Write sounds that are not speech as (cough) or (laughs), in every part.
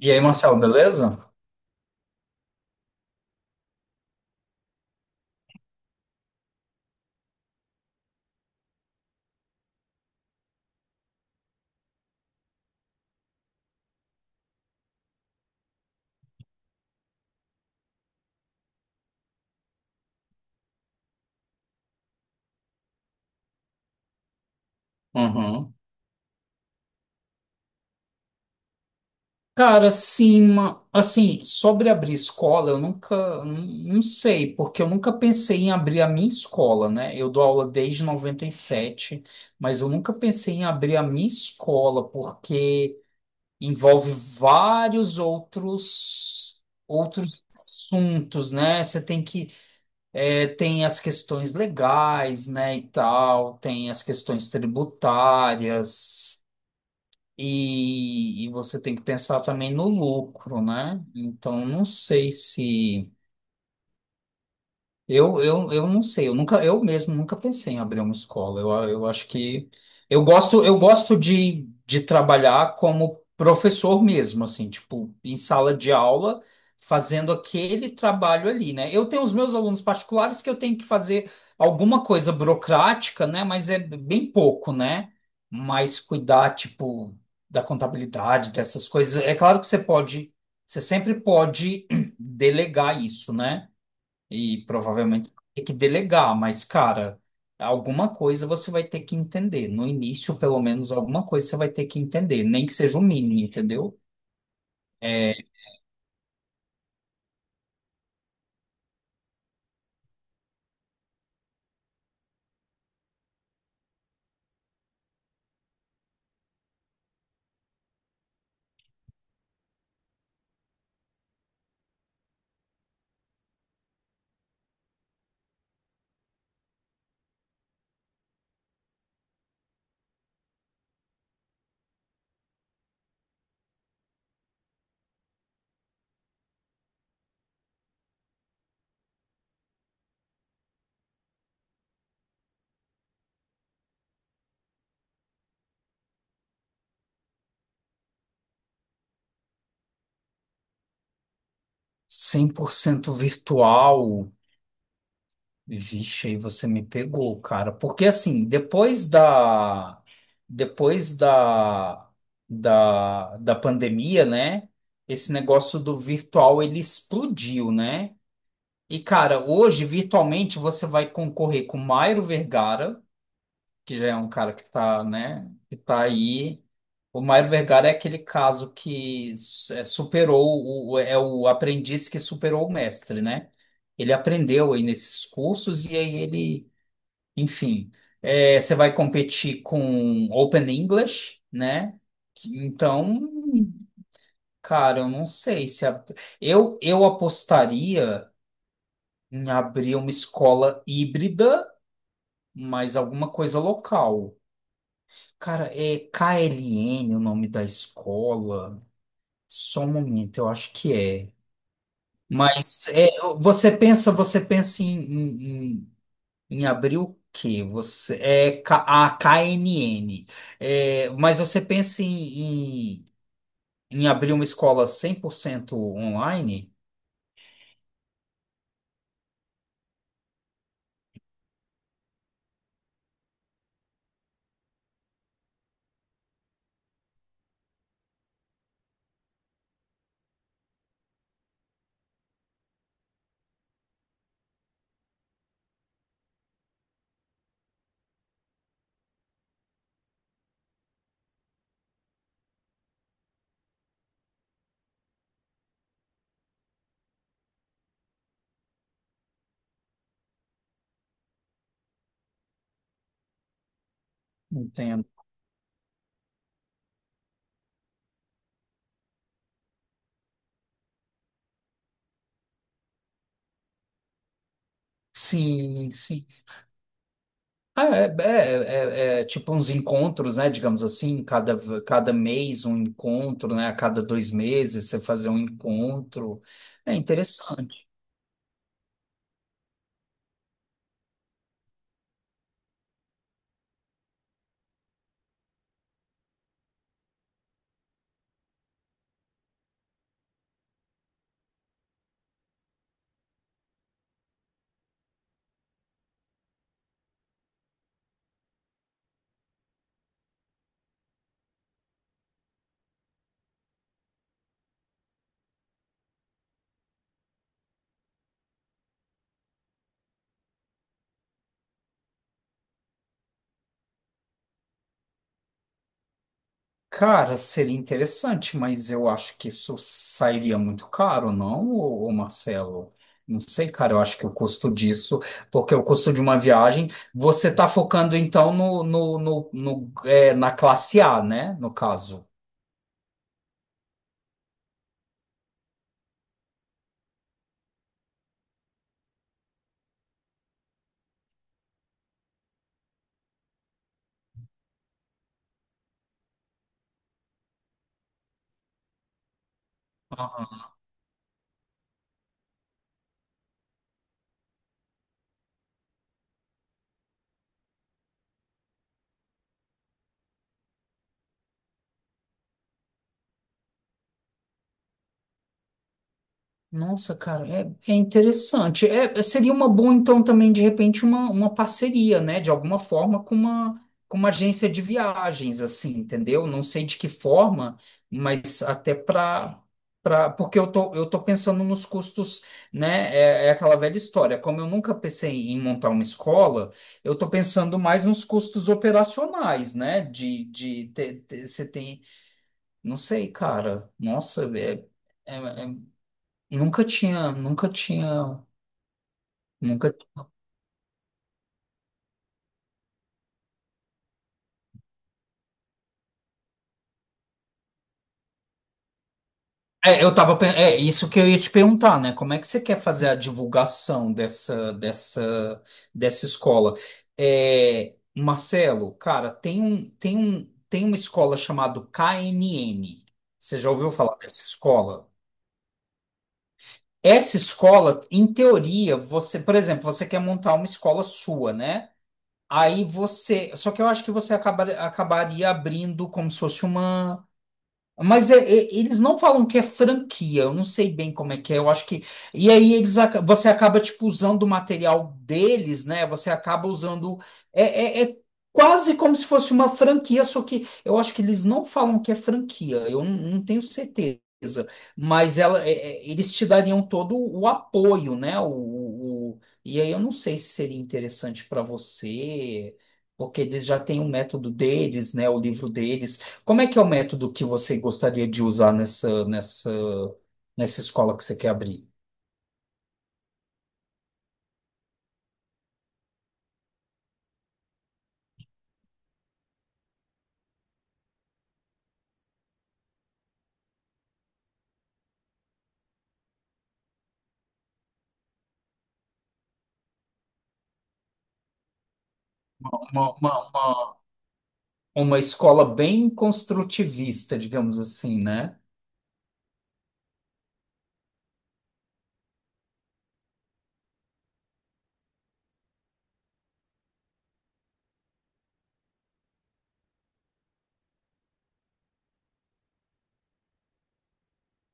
E aí, Marcelo, beleza? Uhum. Cara, assim, assim, sobre abrir escola, eu nunca, n- não sei, porque eu nunca pensei em abrir a minha escola, né? Eu dou aula desde 97, mas eu nunca pensei em abrir a minha escola, porque envolve vários outros, outros assuntos, né? Você tem que, é, Tem as questões legais, né, e tal, tem as questões tributárias. E você tem que pensar também no lucro, né? Então, não sei se. Eu não sei, eu nunca, eu mesmo nunca pensei em abrir uma escola. Eu acho que eu gosto de trabalhar como professor mesmo, assim, tipo, em sala de aula, fazendo aquele trabalho ali, né? Eu tenho os meus alunos particulares que eu tenho que fazer alguma coisa burocrática, né? Mas é bem pouco, né? Mas cuidar, tipo, da contabilidade, dessas coisas. É claro que você sempre pode (clears throat) delegar isso, né? E provavelmente vai ter que delegar, mas, cara, alguma coisa você vai ter que entender. No início, pelo menos, alguma coisa você vai ter que entender, nem que seja o mínimo, entendeu? É 100% virtual. Vixe, aí você me pegou, cara. Porque, assim, depois da. Depois da. Da pandemia, né? Esse negócio do virtual ele explodiu, né? E, cara, hoje, virtualmente, você vai concorrer com Mairo Vergara, que já é um cara que tá, né, que tá aí. O Mário Vergara é aquele caso que superou, é o aprendiz que superou o mestre, né? Ele aprendeu aí nesses cursos e aí ele, enfim, é, você vai competir com Open English, né? Então, cara, eu não sei se a- eu apostaria em abrir uma escola híbrida, mas alguma coisa local. Cara, é KLN o nome da escola. Só um momento, eu acho que é. Mas é, você pensa em, em abrir o quê? Você é K- a KNN. É, mas você pensa em abrir uma escola 100% online? Entendo. Sim, sim. Ah, é, é tipo uns encontros, né? Digamos assim, cada, cada mês um encontro, né? A cada dois meses você fazer um encontro. É interessante. Cara, seria interessante, mas eu acho que isso sairia muito caro, não, ô Marcelo? Não sei, cara, eu acho que o custo disso, porque o custo de uma viagem, você tá focando então no, é, na classe A, né? No caso. Nossa, cara, é, é interessante. É, seria uma boa, então, também, de repente, uma parceria, né? De alguma forma, com uma agência de viagens, assim, entendeu? Não sei de que forma, mas até para. Pra, porque eu tô pensando nos custos, né? É, é aquela velha história. Como eu nunca pensei em montar uma escola, eu tô pensando mais nos custos operacionais, né? Você tem. Não sei, cara. Nossa, é, é, é Nunca tinha, nunca. É, eu tava, é isso que eu ia te perguntar, né? Como é que você quer fazer a divulgação dessa escola? É, Marcelo, cara, tem uma escola chamada KNN. Você já ouviu falar dessa escola? Essa escola, em teoria, você, por exemplo, você quer montar uma escola sua, né? Aí você, só que eu acho que você acabaria abrindo como se fosse uma. Mas eles não falam que é franquia, eu não sei bem como é que é, eu acho que. E aí eles, você acaba tipo usando o material deles, né? Você acaba usando. É, é, é quase como se fosse uma franquia, só que eu acho que eles não falam que é franquia, eu não, não tenho certeza. Mas ela, eles te dariam todo o apoio, né? E aí eu não sei se seria interessante para você, porque eles já têm o método deles, né? O livro deles. Como é que é o método que você gostaria de usar nessa escola que você quer abrir? Uma, uma, uma- Uma escola bem construtivista, digamos assim, né?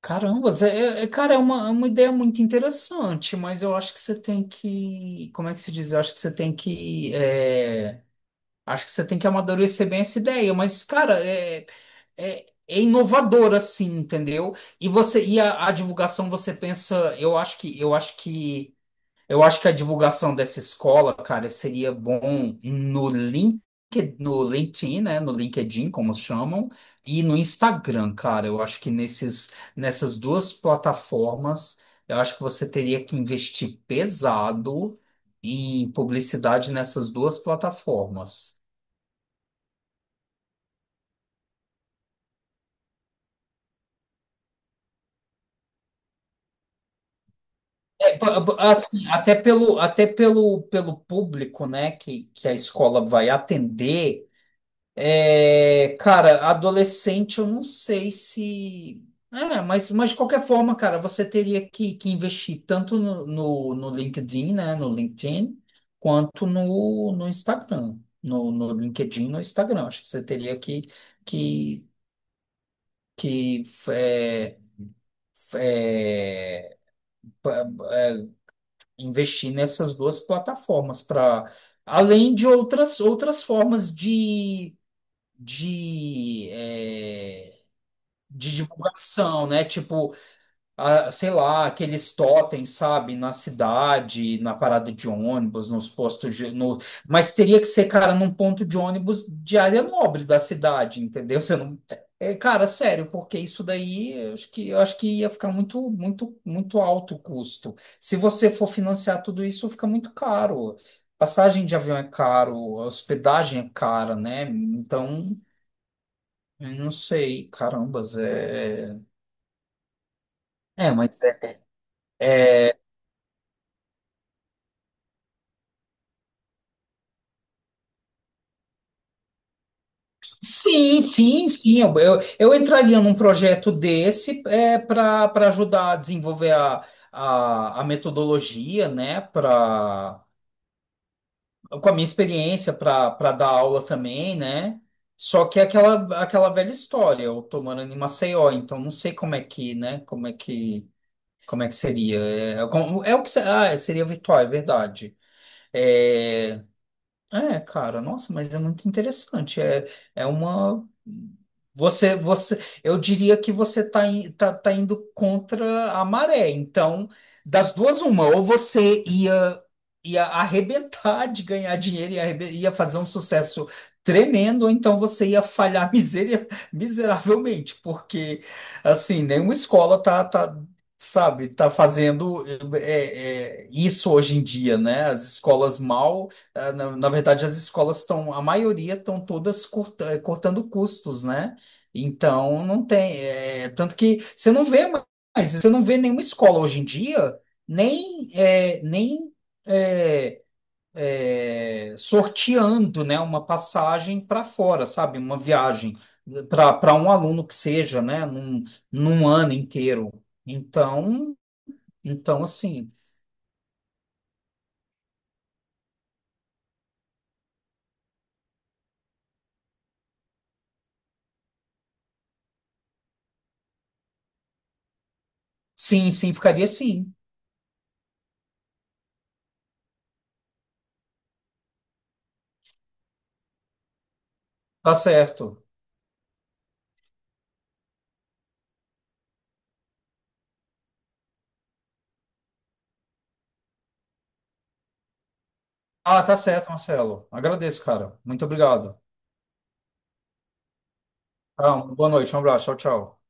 Caramba, Zé, cara, é uma ideia muito interessante, mas eu acho que você tem que. Como é que se diz? Eu acho que você tem que. É, acho que você tem que amadurecer bem essa ideia, mas, cara, é, é inovador, assim, entendeu? E você, e a divulgação, você pensa, eu acho que. Eu acho que a divulgação dessa escola, cara, seria bom no link, no LinkedIn, né? No LinkedIn, como chamam, e no Instagram, cara. Eu acho que nessas duas plataformas, eu acho que você teria que investir pesado em publicidade nessas duas plataformas. É, assim, até pelo, pelo público, né, que a escola vai atender. É, cara, adolescente, eu não sei se. É, mas de qualquer forma, cara, você teria que investir tanto no LinkedIn, né? No LinkedIn, quanto no Instagram. No LinkedIn, no Instagram. Acho que você teria que, que, que é, investir nessas duas plataformas para além de outras outras formas de é, de divulgação, né? Tipo, a- sei lá, aqueles totens, sabe? Na cidade, na parada de ônibus, nos postos de. No... Mas teria que ser, cara, num ponto de ônibus de área nobre da cidade, entendeu? Você não. É, cara, sério, porque isso daí eu acho eu acho que ia ficar muito, muito, muito alto o custo. Se você for financiar tudo isso, fica muito caro. Passagem de avião é caro, hospedagem é cara, né? Então, eu não sei, carambas, é. É, mas é. Sim, sim, sim. Eu entraria num projeto desse é, para para ajudar a desenvolver a metodologia, né? Pra, com a minha experiência para para dar aula também, né? Só que é aquela, aquela velha história, eu tô morando em Maceió, então não sei como é que, né? Como é que seria? É, é o que se- ah, seria virtual, é verdade. É, é, cara, nossa, mas é muito interessante. É, é uma. Eu diria que você está tá, in- tá, tá indo contra a maré. Então, das duas, uma, ia arrebentar de ganhar dinheiro e ia fazer um sucesso tremendo, ou então você ia falhar (laughs) miseravelmente, porque assim, nenhuma escola sabe, tá fazendo isso hoje em dia, né? As escolas mal. Ah, na verdade, as escolas estão, a maioria estão todas cortando custos, né? Então, não tem. Tanto que você não vê mais, você não vê nenhuma escola hoje em dia, nem, eh, nem eh, eh, sorteando, né, uma passagem para fora, sabe? Uma viagem para para um aluno que seja, né, num ano inteiro. Então, então, assim, sim, sim, ficaria sim, tá certo. Ah, tá certo, Marcelo. Agradeço, cara. Muito obrigado. Tá, uma boa noite, um abraço. Tchau, tchau.